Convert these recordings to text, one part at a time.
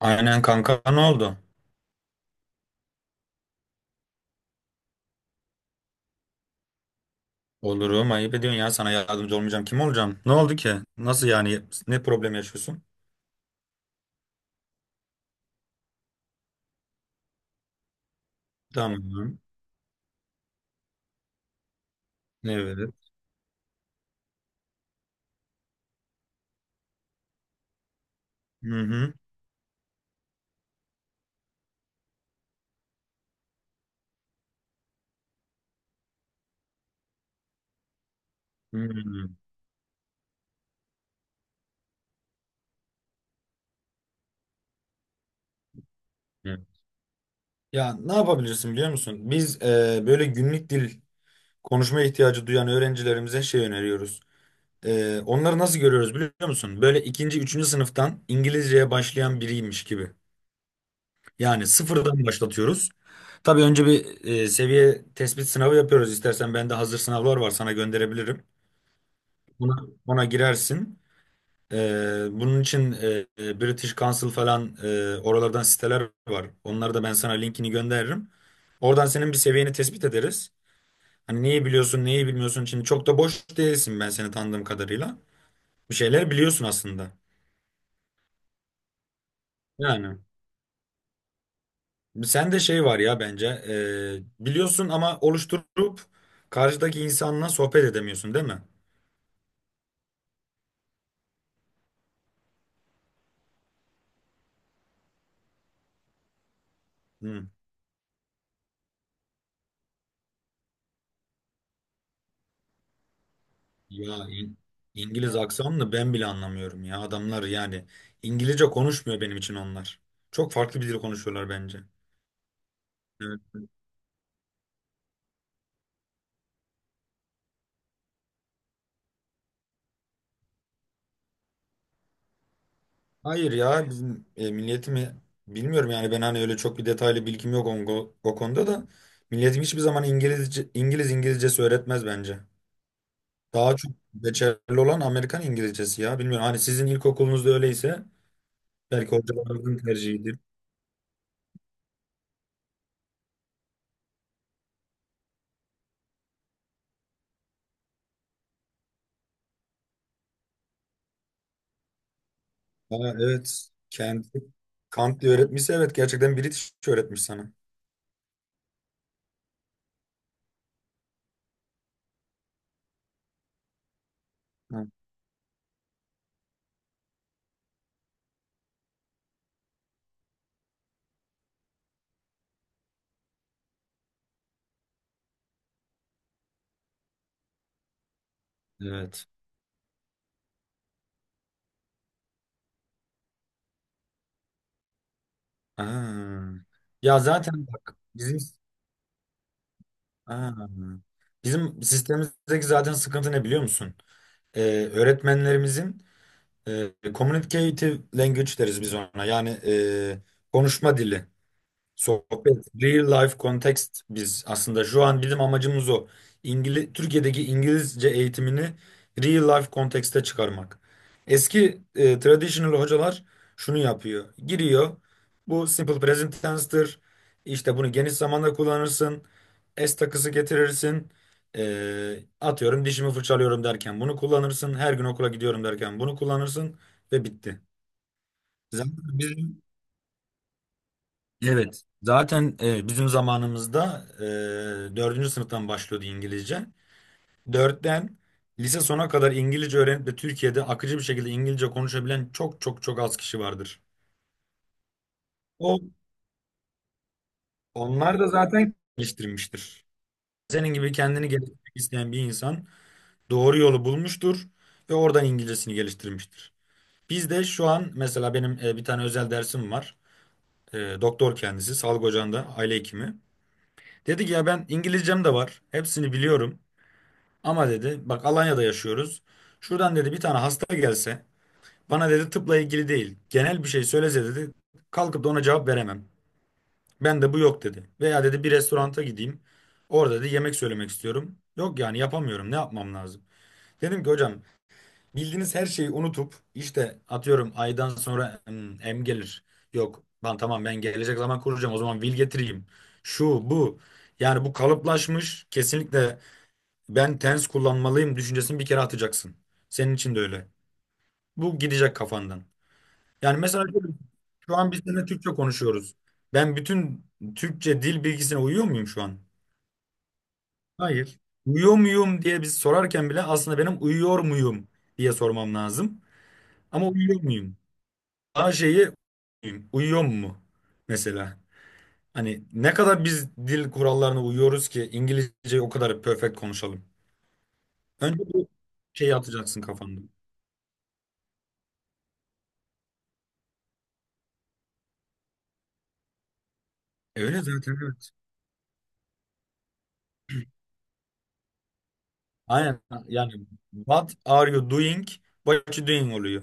Aynen kanka ne oldu? Olurum ayıp ediyorsun ya sana yardımcı olmayacağım. Kim olacağım? Ne oldu ki? Nasıl yani? Ne problem yaşıyorsun? Tamam. Evet. Hı hı. Hı hı. Ya ne yapabilirsin biliyor musun? Biz böyle günlük dil konuşma ihtiyacı duyan öğrencilerimize şey öneriyoruz. Onları nasıl görüyoruz biliyor musun? Böyle ikinci, üçüncü sınıftan İngilizceye başlayan biriymiş gibi. Yani sıfırdan başlatıyoruz. Tabii önce bir seviye tespit sınavı yapıyoruz. İstersen bende hazır sınavlar var sana gönderebilirim. Buna Ona girersin. Bunun için British Council falan oralardan siteler var. Onları da ben sana linkini gönderirim. Oradan senin bir seviyeni tespit ederiz. Hani neyi biliyorsun, neyi bilmiyorsun. Şimdi çok da boş değilsin ben seni tanıdığım kadarıyla. Bir şeyler biliyorsun aslında. Yani. Sende şey var ya bence biliyorsun ama oluşturup karşıdaki insanla sohbet edemiyorsun değil mi? Hı. Ya İngiliz aksanını ben bile anlamıyorum ya adamlar yani İngilizce konuşmuyor benim için onlar. Çok farklı bir dil konuşuyorlar bence. Evet. Hayır ya bizim milletimi bilmiyorum yani ben hani öyle çok bir detaylı bilgim yok o konuda da milletim hiçbir zaman İngiliz İngilizcesi öğretmez bence. Daha çok geçerli olan Amerikan İngilizcesi ya. Bilmiyorum hani sizin ilkokulunuzda öyleyse belki hocalarınızın tercihidir. Ha, evet. Kantli öğretmişse evet gerçekten British öğretmiş sana. Ha, evet. Aa. Ya zaten bak bizim Aa. Bizim sistemimizdeki zaten sıkıntı ne biliyor musun? Ee, Öğretmenlerimizin communicative language deriz biz ona. Yani konuşma dili. Sohbet, real life context biz aslında şu an bizim amacımız o. Türkiye'deki İngilizce eğitimini real life kontekste çıkarmak. Eski traditional hocalar şunu yapıyor. Giriyor. Bu simple present tense'tir. İşte bunu geniş zamanda kullanırsın. S takısı getirirsin. Atıyorum dişimi fırçalıyorum derken bunu kullanırsın. Her gün okula gidiyorum derken bunu kullanırsın ve bitti. Zaten biz Evet. Zaten bizim zamanımızda dördüncü sınıftan başlıyordu İngilizce. Dörtten lise sona kadar İngilizce öğrenip de Türkiye'de akıcı bir şekilde İngilizce konuşabilen çok çok çok az kişi vardır. O Onlar da zaten geliştirmiştir. Senin gibi kendini geliştirmek isteyen bir insan doğru yolu bulmuştur ve oradan İngilizcesini geliştirmiştir. Biz de şu an mesela benim bir tane özel dersim var. Doktor kendisi, sağlık ocağında aile hekimi. Dedi ki ya ben İngilizcem de var. Hepsini biliyorum. Ama dedi bak Alanya'da yaşıyoruz. Şuradan dedi bir tane hasta gelse bana dedi tıpla ilgili değil genel bir şey söylese dedi kalkıp da ona cevap veremem. Ben de bu yok dedi. Veya dedi bir restoranta gideyim orada dedi yemek söylemek istiyorum. Yok yani yapamıyorum ne yapmam lazım. Dedim ki hocam bildiğiniz her şeyi unutup işte atıyorum aydan sonra em gelir. Yok ben tamam ben gelecek zaman kuracağım o zaman vil getireyim. Şu bu yani bu kalıplaşmış kesinlikle ben tens kullanmalıyım düşüncesini bir kere atacaksın. Senin için de öyle. Bu gidecek kafandan. Yani mesela şöyle, şu an biz seninle Türkçe konuşuyoruz. Ben bütün Türkçe dil bilgisine uyuyor muyum şu an? Hayır. Uyuyor muyum diye biz sorarken bile aslında benim uyuyor muyum diye sormam lazım. Ama uyuyor muyum? A şeyi uyuyor mu mesela? Hani ne kadar biz dil kurallarına uyuyoruz ki İngilizceyi o kadar perfect konuşalım. Önce bu şeyi atacaksın kafanda. Öyle zaten evet. Aynen yani what are you doing? What you doing oluyor.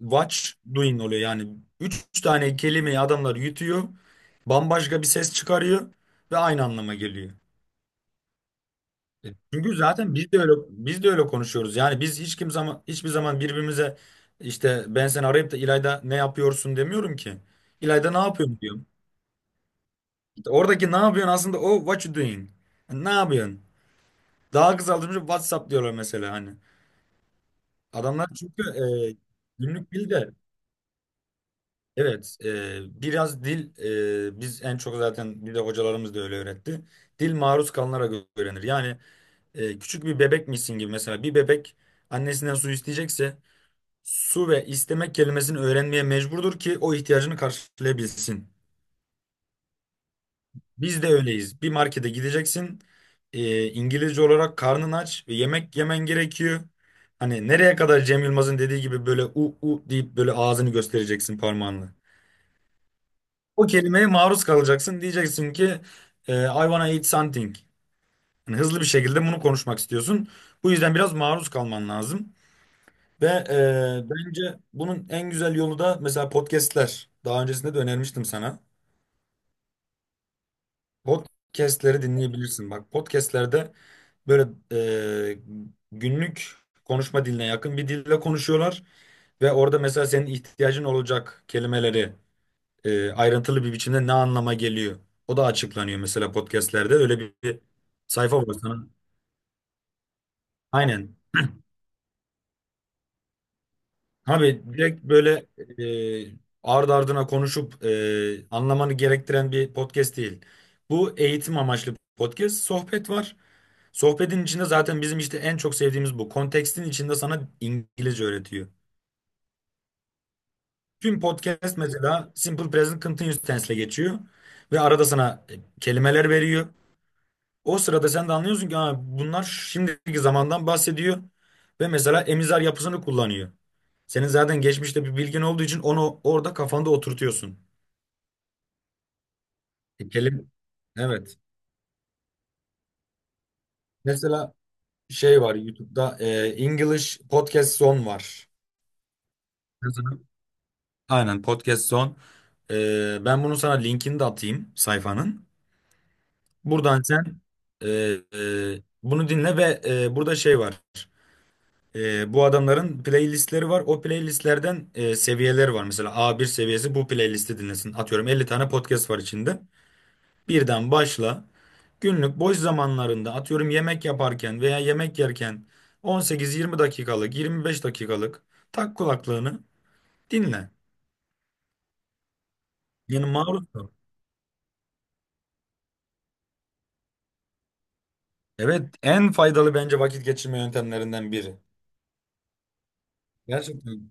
Watch doing oluyor yani. Üç tane kelimeyi adamlar yutuyor. Bambaşka bir ses çıkarıyor ve aynı anlama geliyor. Çünkü zaten biz de öyle konuşuyoruz. Yani biz hiçbir zaman birbirimize işte ben seni arayıp da İlayda ne yapıyorsun demiyorum ki. İlayda ne yapıyorsun diyorum. İşte oradaki ne yapıyorsun aslında o what you doing. Ne yapıyorsun? Daha kısaltılmış WhatsApp diyorlar mesela hani. Adamlar çünkü e, günlük dil de evet biraz dil biz en çok zaten bir de hocalarımız da öyle öğretti. Dil maruz kalınarak öğrenir. Yani küçük bir bebekmişsin gibi mesela bir bebek annesinden su isteyecekse su ve istemek kelimesini öğrenmeye mecburdur ki o ihtiyacını karşılayabilsin. Biz de öyleyiz. Bir markete gideceksin. İngilizce olarak karnın aç ve yemek yemen gerekiyor. Hani nereye kadar Cem Yılmaz'ın dediği gibi böyle u u deyip böyle ağzını göstereceksin parmağınla. O kelimeye maruz kalacaksın. Diyeceksin ki I wanna eat something. Yani hızlı bir şekilde bunu konuşmak istiyorsun. Bu yüzden biraz maruz kalman lazım. Ve bence bunun en güzel yolu da mesela podcastler. Daha öncesinde de önermiştim sana. Podcast'leri dinleyebilirsin. Bak podcast'lerde böyle e, günlük konuşma diline yakın bir dille konuşuyorlar ve orada mesela senin ihtiyacın olacak kelimeleri ayrıntılı bir biçimde ne anlama geliyor. O da açıklanıyor mesela podcast'lerde. Öyle bir sayfa var sana. Aynen. Abi direkt böyle e, ardı ardına konuşup anlamanı gerektiren bir podcast değil. Bu eğitim amaçlı podcast, sohbet var. Sohbetin içinde zaten bizim işte en çok sevdiğimiz bu. Kontekstin içinde sana İngilizce öğretiyor. Tüm podcast mesela Simple Present Continuous Tense'le geçiyor. Ve arada sana kelimeler veriyor. O sırada sen de anlıyorsun ki ha, bunlar şimdiki zamandan bahsediyor. Ve mesela emizar yapısını kullanıyor. Senin zaten geçmişte bir bilgin olduğu için onu orada kafanda oturtuyorsun. E, kelim Evet. Mesela şey var YouTube'da English Podcast Zone var. Aynen podcast son. Ben bunu sana linkini de atayım sayfanın. Buradan sen e, bunu dinle ve burada şey var. Bu adamların playlistleri var. O playlistlerden seviyeleri var. Mesela a bir seviyesi bu playlisti dinlesin. Atıyorum 50 tane podcast var içinde. Birden başla. Günlük boş zamanlarında atıyorum yemek yaparken veya yemek yerken 18-20 dakikalık, 25 dakikalık tak kulaklığını dinle. Yani maruz kal. Evet, en faydalı bence vakit geçirme yöntemlerinden biri. Gerçekten.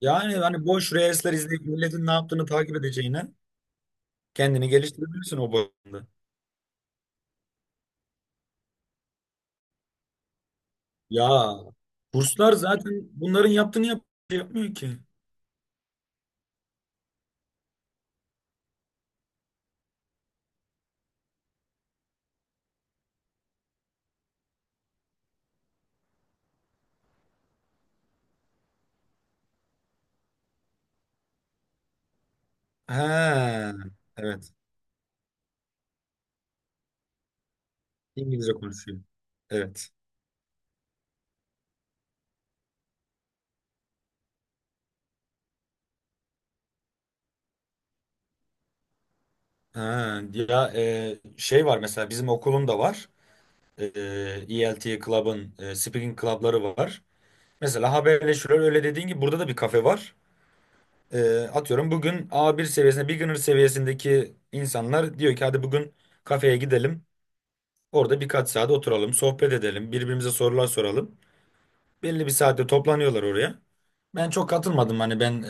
Yani hani boş reels'ler izleyip milletin ne yaptığını takip edeceğine kendini geliştirebilirsin o bağlamda. Ya kurslar zaten bunların yaptığını yapmıyor ki. Ha, evet. İngilizce konuşuyor. Evet. Ha, ya şey var mesela bizim okulun da var. E, ELT Club'ın speaking club'ları var. Mesela haberleşiyorlar öyle dediğin gibi burada da bir kafe var. Atıyorum bugün A1 seviyesinde, beginner seviyesindeki insanlar diyor ki hadi bugün kafeye gidelim. Orada birkaç saat oturalım, sohbet edelim, birbirimize sorular soralım. Belli bir saatte toplanıyorlar oraya. Ben çok katılmadım. Hani ben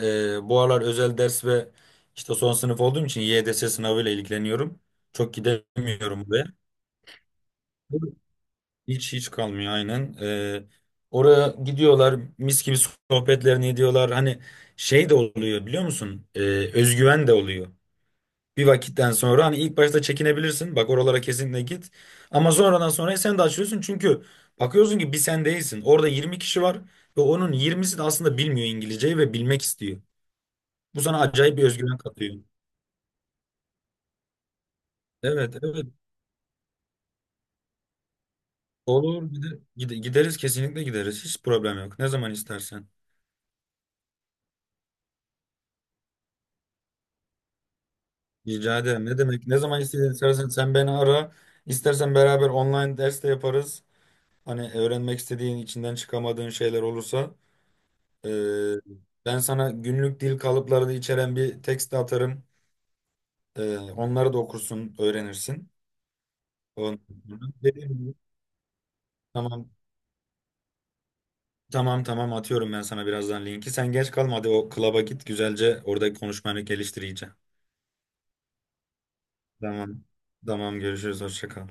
bu aralar özel ders ve işte son sınıf olduğum için YDS sınavıyla ilgileniyorum. Çok gidemiyorum buraya. Hiç kalmıyor aynen. Oraya gidiyorlar, mis gibi sohbetlerini ediyorlar. Hani şey de oluyor biliyor musun? Özgüven de oluyor. Bir vakitten sonra hani ilk başta çekinebilirsin. Bak oralara kesinlikle git. Ama sonradan sonra sen de açıyorsun. Çünkü bakıyorsun ki bir sen değilsin. Orada 20 kişi var ve onun 20'si de aslında bilmiyor İngilizceyi ve bilmek istiyor. Bu sana acayip bir özgüven katıyor. Evet, evet. Olur. Bir de gideriz kesinlikle gideriz. Hiç problem yok. Ne zaman istersen. Rica ederim. Ne demek? Ne zaman istersen sen beni ara. İstersen beraber online ders de yaparız. Hani öğrenmek istediğin, içinden çıkamadığın şeyler olursa, Ee, ben sana günlük dil kalıplarını içeren bir tekst atarım. Onları da okursun, öğrenirsin. Ondan sonra dediğim gibi- Tamam, tamam, tamam, atıyorum ben sana birazdan linki. Sen geç kalma hadi o klaba git güzelce oradaki konuşmanı geliştireceğim. Tamam, tamam görüşürüz, hoşça kal.